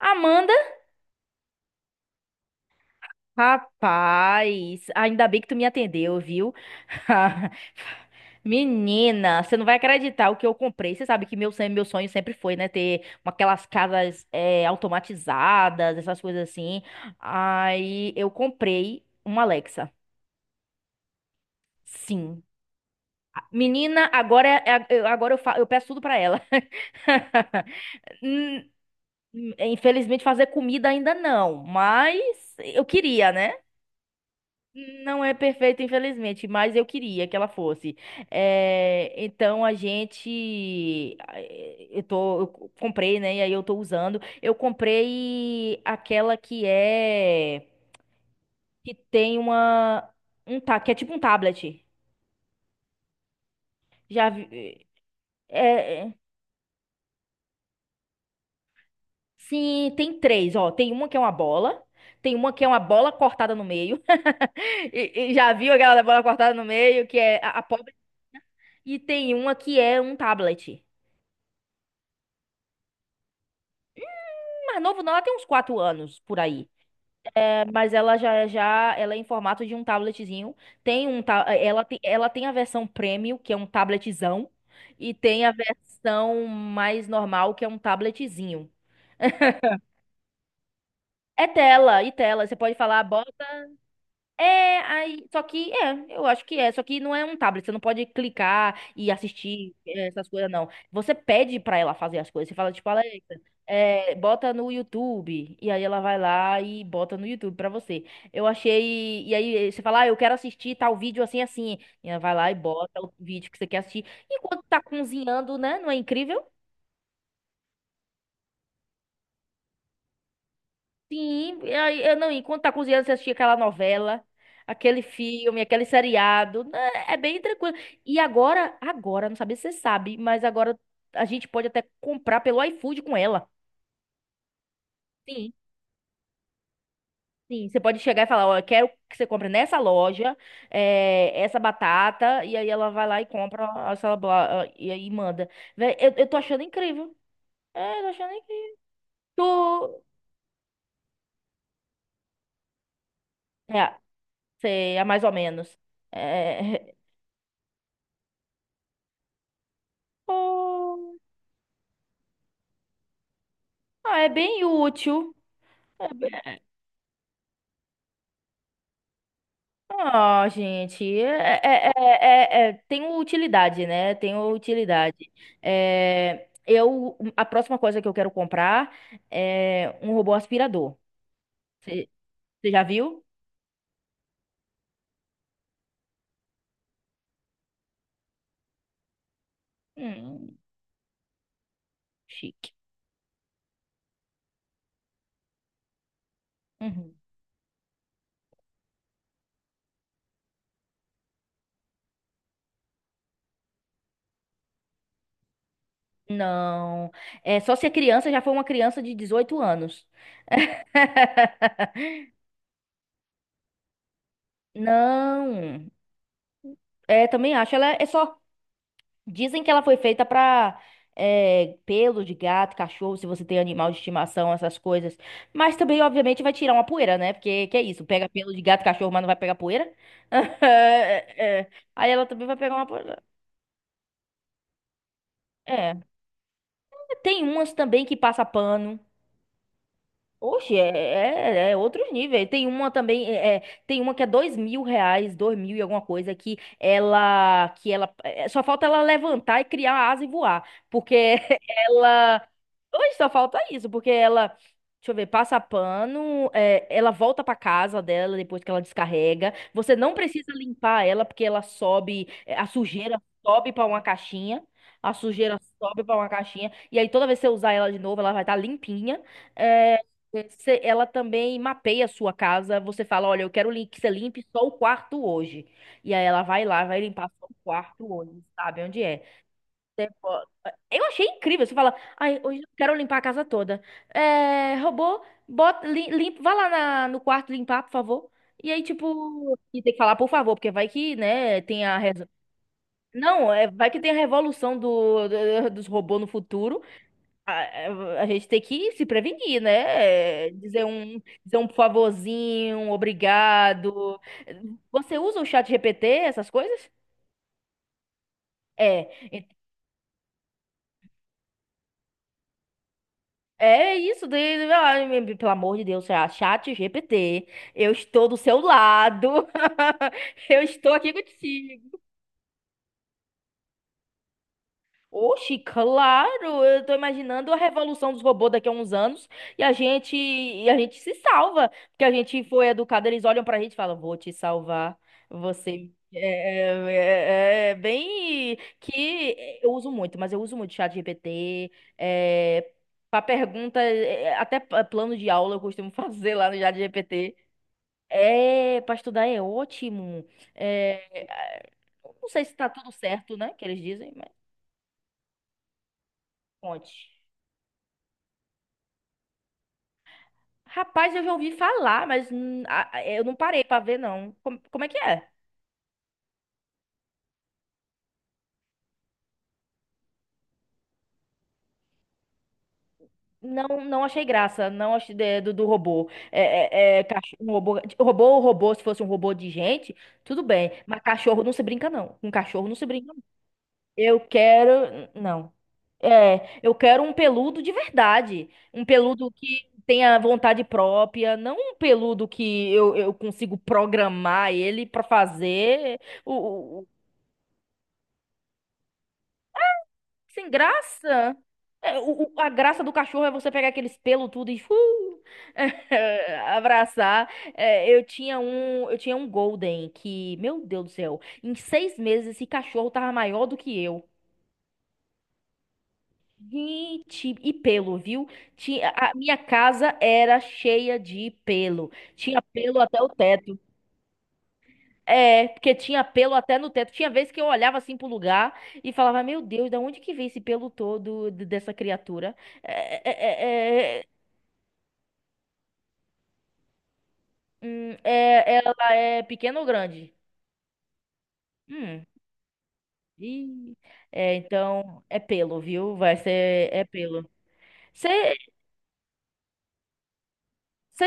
Amanda? Rapaz, ainda bem que tu me atendeu, viu? Menina, você não vai acreditar o que eu comprei. Você sabe que meu sonho sempre foi, né? Aquelas casas automatizadas, essas coisas assim. Aí eu comprei uma Alexa. Sim. Menina, agora, agora eu peço tudo pra ela. Hum. Infelizmente, fazer comida ainda não, mas eu queria, né? Não é perfeita, infelizmente, mas eu queria que ela fosse. Então a gente, eh, eu tô, eu co- comprei, né? E aí eu tô usando. Eu comprei aquela que é que tem uma um que é tipo um tablet. Já vi, é, é- sim, tem três. Ó, tem uma que é uma bola, tem uma que é uma bola cortada no meio. E já viu aquela da bola cortada no meio que é a pobre? E tem uma que é um tablet. Mais novo não, ela tem uns 4 anos por aí. É, mas ela é em formato de um tabletzinho. Tem um, ta- eh, ela tem a versão premium, que é um tabletzão, e tem a versão mais normal, que é um tabletzinho. É tela, e tela. Você pode falar, "Ah, bota". É, aí, só que é, eu acho que é, só que não é um tablet, você não pode clicar e assistir essas coisas, não. Você pede pra ela fazer as coisas, você fala, tipo, Alexa, é, bota no YouTube, e aí ela vai lá e bota no YouTube pra você. Eu achei, e aí você fala, ah, eu quero assistir tal vídeo assim, assim, e ela vai lá e bota o vídeo que você quer assistir, enquanto tá cozinhando, né, não é incrível? Sim, e eu não, enquanto tá cozinhando, você assistia aquela novela, aquele filme, aquele seriado, né. É bem tranquilo. E não sabia se você sabe, mas agora a gente pode até comprar pelo iFood com ela. Sim, sim. Você pode chegar e falar, ó, eu quero que você compre nessa loja, essa batata, e aí ela vai lá e compra essa blá, e aí manda. Véi, eu tô achando incrível. É, eu tô achando incrível. Tu. É, sei, é mais ou menos. É. Ah, é bem útil. É bem. Ah, gente, tem utilidade, né? Tem utilidade. É, eu, a próxima coisa que eu quero comprar é um robô aspirador. Você já viu? Hum, chique. Uhum. Não. É só se a criança já foi uma criança de 18 anos. Não. É, também acho. Ela é só. Dizem que ela foi feita pra pelo de gato, cachorro, se você tem animal de estimação, essas coisas. Mas também, obviamente, vai tirar uma poeira, né? Porque que é isso? Pega pelo de gato, cachorro, mas não vai pegar poeira? É, é. Aí ela também vai pegar uma poeira. É. Tem umas também que passa pano. Oxe, é outros níveis. Tem uma também, tem uma que é 2.000 reais, 2.000 e alguma coisa, só falta ela levantar e criar a asa e voar, porque ela, hoje só falta isso, porque ela, deixa eu ver, passa pano, é, ela volta pra casa dela depois que ela descarrega, você não precisa limpar ela, porque ela sobe, é, a sujeira sobe pra uma caixinha, a sujeira sobe pra uma caixinha, e aí toda vez que você usar ela de novo, ela vai estar limpinha. É. Ela também mapeia a sua casa. Você fala, olha, eu quero que você limpe só o quarto hoje. E aí ela vai lá, vai limpar só o quarto hoje, sabe onde é. Ó, eu achei incrível. Você fala, ai, hoje eu quero limpar a casa toda. É, robô, bota, lim, limpa, vai lá no quarto limpar, por favor. E aí, tipo, e tem que falar, por favor, porque vai que, né, tem a... reso-. Não, é, vai que tem a revolução dos robôs no futuro. A, a gente tem que se prevenir, né? É, dizer um por favorzinho, um obrigado. Você usa o chat GPT, essas coisas? É, e- é isso. De, ai, me- pelo amor de Deus, ah, chat GPT, eu estou do seu lado. Eu estou aqui contigo. Oxi, claro, eu tô imaginando a revolução dos robôs daqui a uns anos e a gente se salva, porque a gente foi educado, eles olham pra gente e falam, vou te salvar, você é, é bem que eu uso muito, mas eu uso muito chat GPT, é, para pergunta, até plano de aula eu costumo fazer lá no chat GPT. É, para estudar é ótimo. É, é, não sei se tá tudo certo, né, que eles dizem, mas conte. Rapaz, eu já ouvi falar, mas eu não parei pra ver, não. Como é que é? Não, não achei graça, não achei do robô. Um robô, se fosse um robô de gente, tudo bem. Mas cachorro não se brinca, não. Com cachorro não se brinca, não. Eu quero. Não. É, eu quero um peludo de verdade. Um peludo que tenha vontade própria, não um peludo que eu consigo programar ele pra fazer. Sem graça? É, a graça do cachorro é você pegar aqueles pelos tudo e abraçar. É, eu tinha um Golden que, meu Deus do céu, em 6 meses esse cachorro tava maior do que eu. Gente, e pelo, viu? Tinha, a minha casa era cheia de pelo. Tinha pelo até o teto. É, porque tinha pelo até no teto. Tinha vezes que eu olhava assim pro lugar e falava, meu Deus, da onde que vem esse pelo todo dessa criatura? É, é, é, é, é, ela é pequena ou grande? Hum. Ih, é, então é pelo, viu? Vai ser é pelo. Você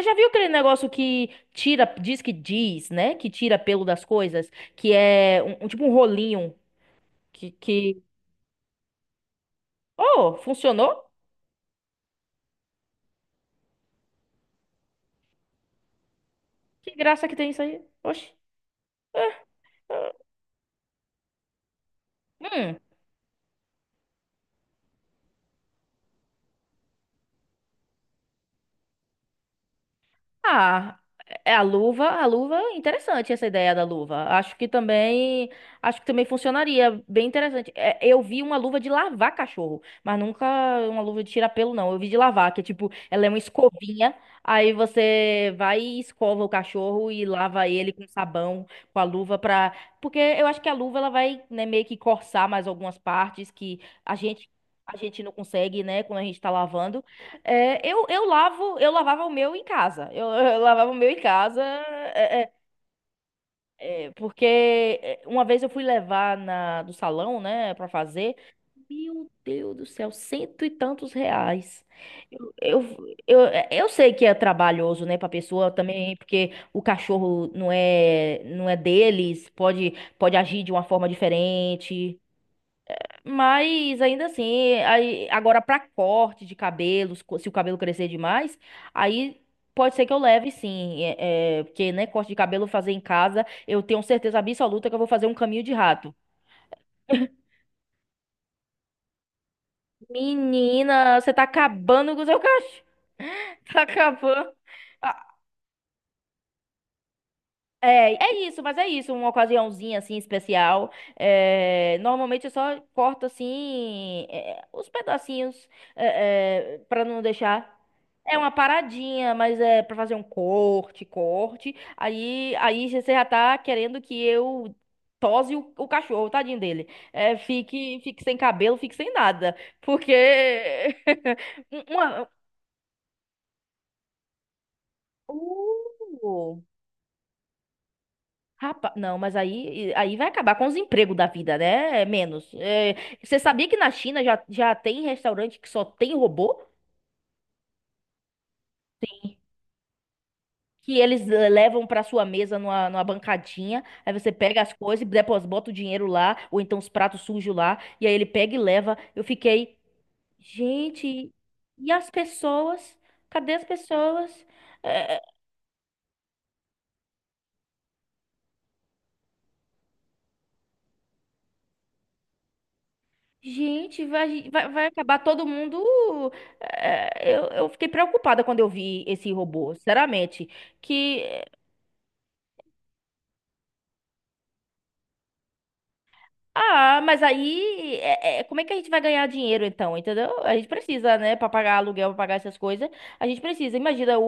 já viu aquele negócio que tira, diz que diz, né? Que tira pelo das coisas, que é tipo um rolinho que... Oh, funcionou? Que graça que tem isso aí. Oxi. É, é. Hum. Ah, é é a luva, interessante essa ideia da luva. Acho que também funcionaria, bem interessante. É, eu vi uma luva de lavar cachorro, mas nunca uma luva de tirar pelo não. Eu vi de lavar, que é tipo, ela é uma escovinha, aí você vai e escova o cachorro e lava ele com sabão, com a luva pra... Porque eu acho que a luva ela vai, né, meio que coçar mais algumas partes que a gente a gente não consegue, né, quando a gente tá lavando. É, eu lavava o meu em casa. Eu, eu lavava o meu em casa, é, é, porque é, uma vez eu fui levar na, do salão, né, pra fazer. Meu Deus do céu, cento e tantos reais. Eu, eu, eu, eu sei que é trabalhoso, né, pra pessoa também, porque o cachorro não é, não é deles, pode, pode agir de uma forma diferente. Mas ainda assim, aí, agora pra corte de cabelos, se o cabelo crescer demais, aí pode ser que eu leve sim, porque né, corte de cabelo fazer em casa, eu tenho certeza absoluta que eu vou fazer um caminho de rato. Menina, você tá acabando com o seu cachorro, tá acabando. Ah, é, é isso, mas é isso, uma ocasiãozinha assim especial. É, normalmente eu só corto assim é, os pedacinhos é, para não deixar. É uma paradinha, mas é pra fazer um corte, corte. Aí você já tá querendo que eu tose o cachorro, tadinho dele. É, fique, fique sem cabelo, fique sem nada. Porque. uma... Uh, rapaz, não, mas aí vai acabar com os empregos da vida, né? É menos. É, você sabia que na China já tem restaurante que só tem robô? Que eles levam para sua mesa numa bancadinha. Aí você pega as coisas, depois bota o dinheiro lá, ou então os pratos sujos lá, e aí ele pega e leva. Eu fiquei, gente, e as pessoas? Cadê as pessoas? É, gente, vai acabar todo mundo. É, eu fiquei preocupada quando eu vi esse robô, sinceramente. Que ah, mas aí, como é que a gente vai ganhar dinheiro então, entendeu? A gente precisa, né, pra pagar aluguel, pra pagar essas coisas, a gente precisa. Imagina o-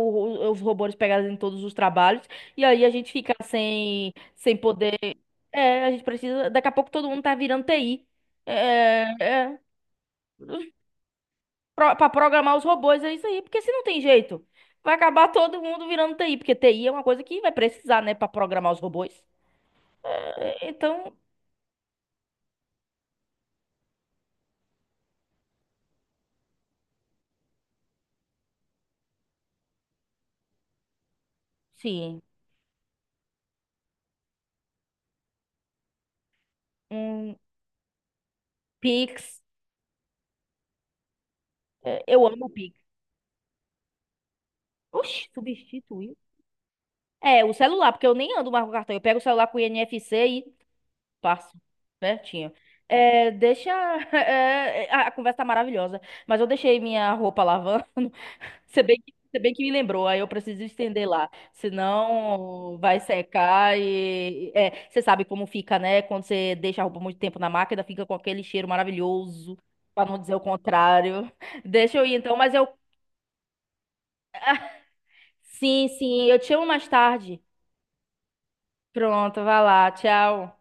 o- os robôs pegarem em todos os trabalhos e aí a gente fica sem, sem poder. É, a gente precisa. Daqui a pouco todo mundo tá virando TI. É, é, pra programar os robôs é isso aí, porque se não tem jeito, vai acabar todo mundo virando TI, porque TI é uma coisa que vai precisar, né, pra programar os robôs. É. Então, sim, um Pix, é, eu amo Pix. Oxi, substituiu. É, o celular, porque eu nem ando mais com cartão. Eu pego o celular com o INFC e passo. Pertinho. É, deixa. É, a conversa tá maravilhosa. Mas eu deixei minha roupa lavando. Se bem que, se bem que me lembrou, aí eu preciso estender lá. Senão vai secar e. É, você sabe como fica, né? Quando você deixa a roupa muito tempo na máquina, fica com aquele cheiro maravilhoso. Pra não dizer o contrário. Deixa eu ir então, mas eu. Sim, sim, eu te chamo mais tarde. Pronto, vai lá. Tchau.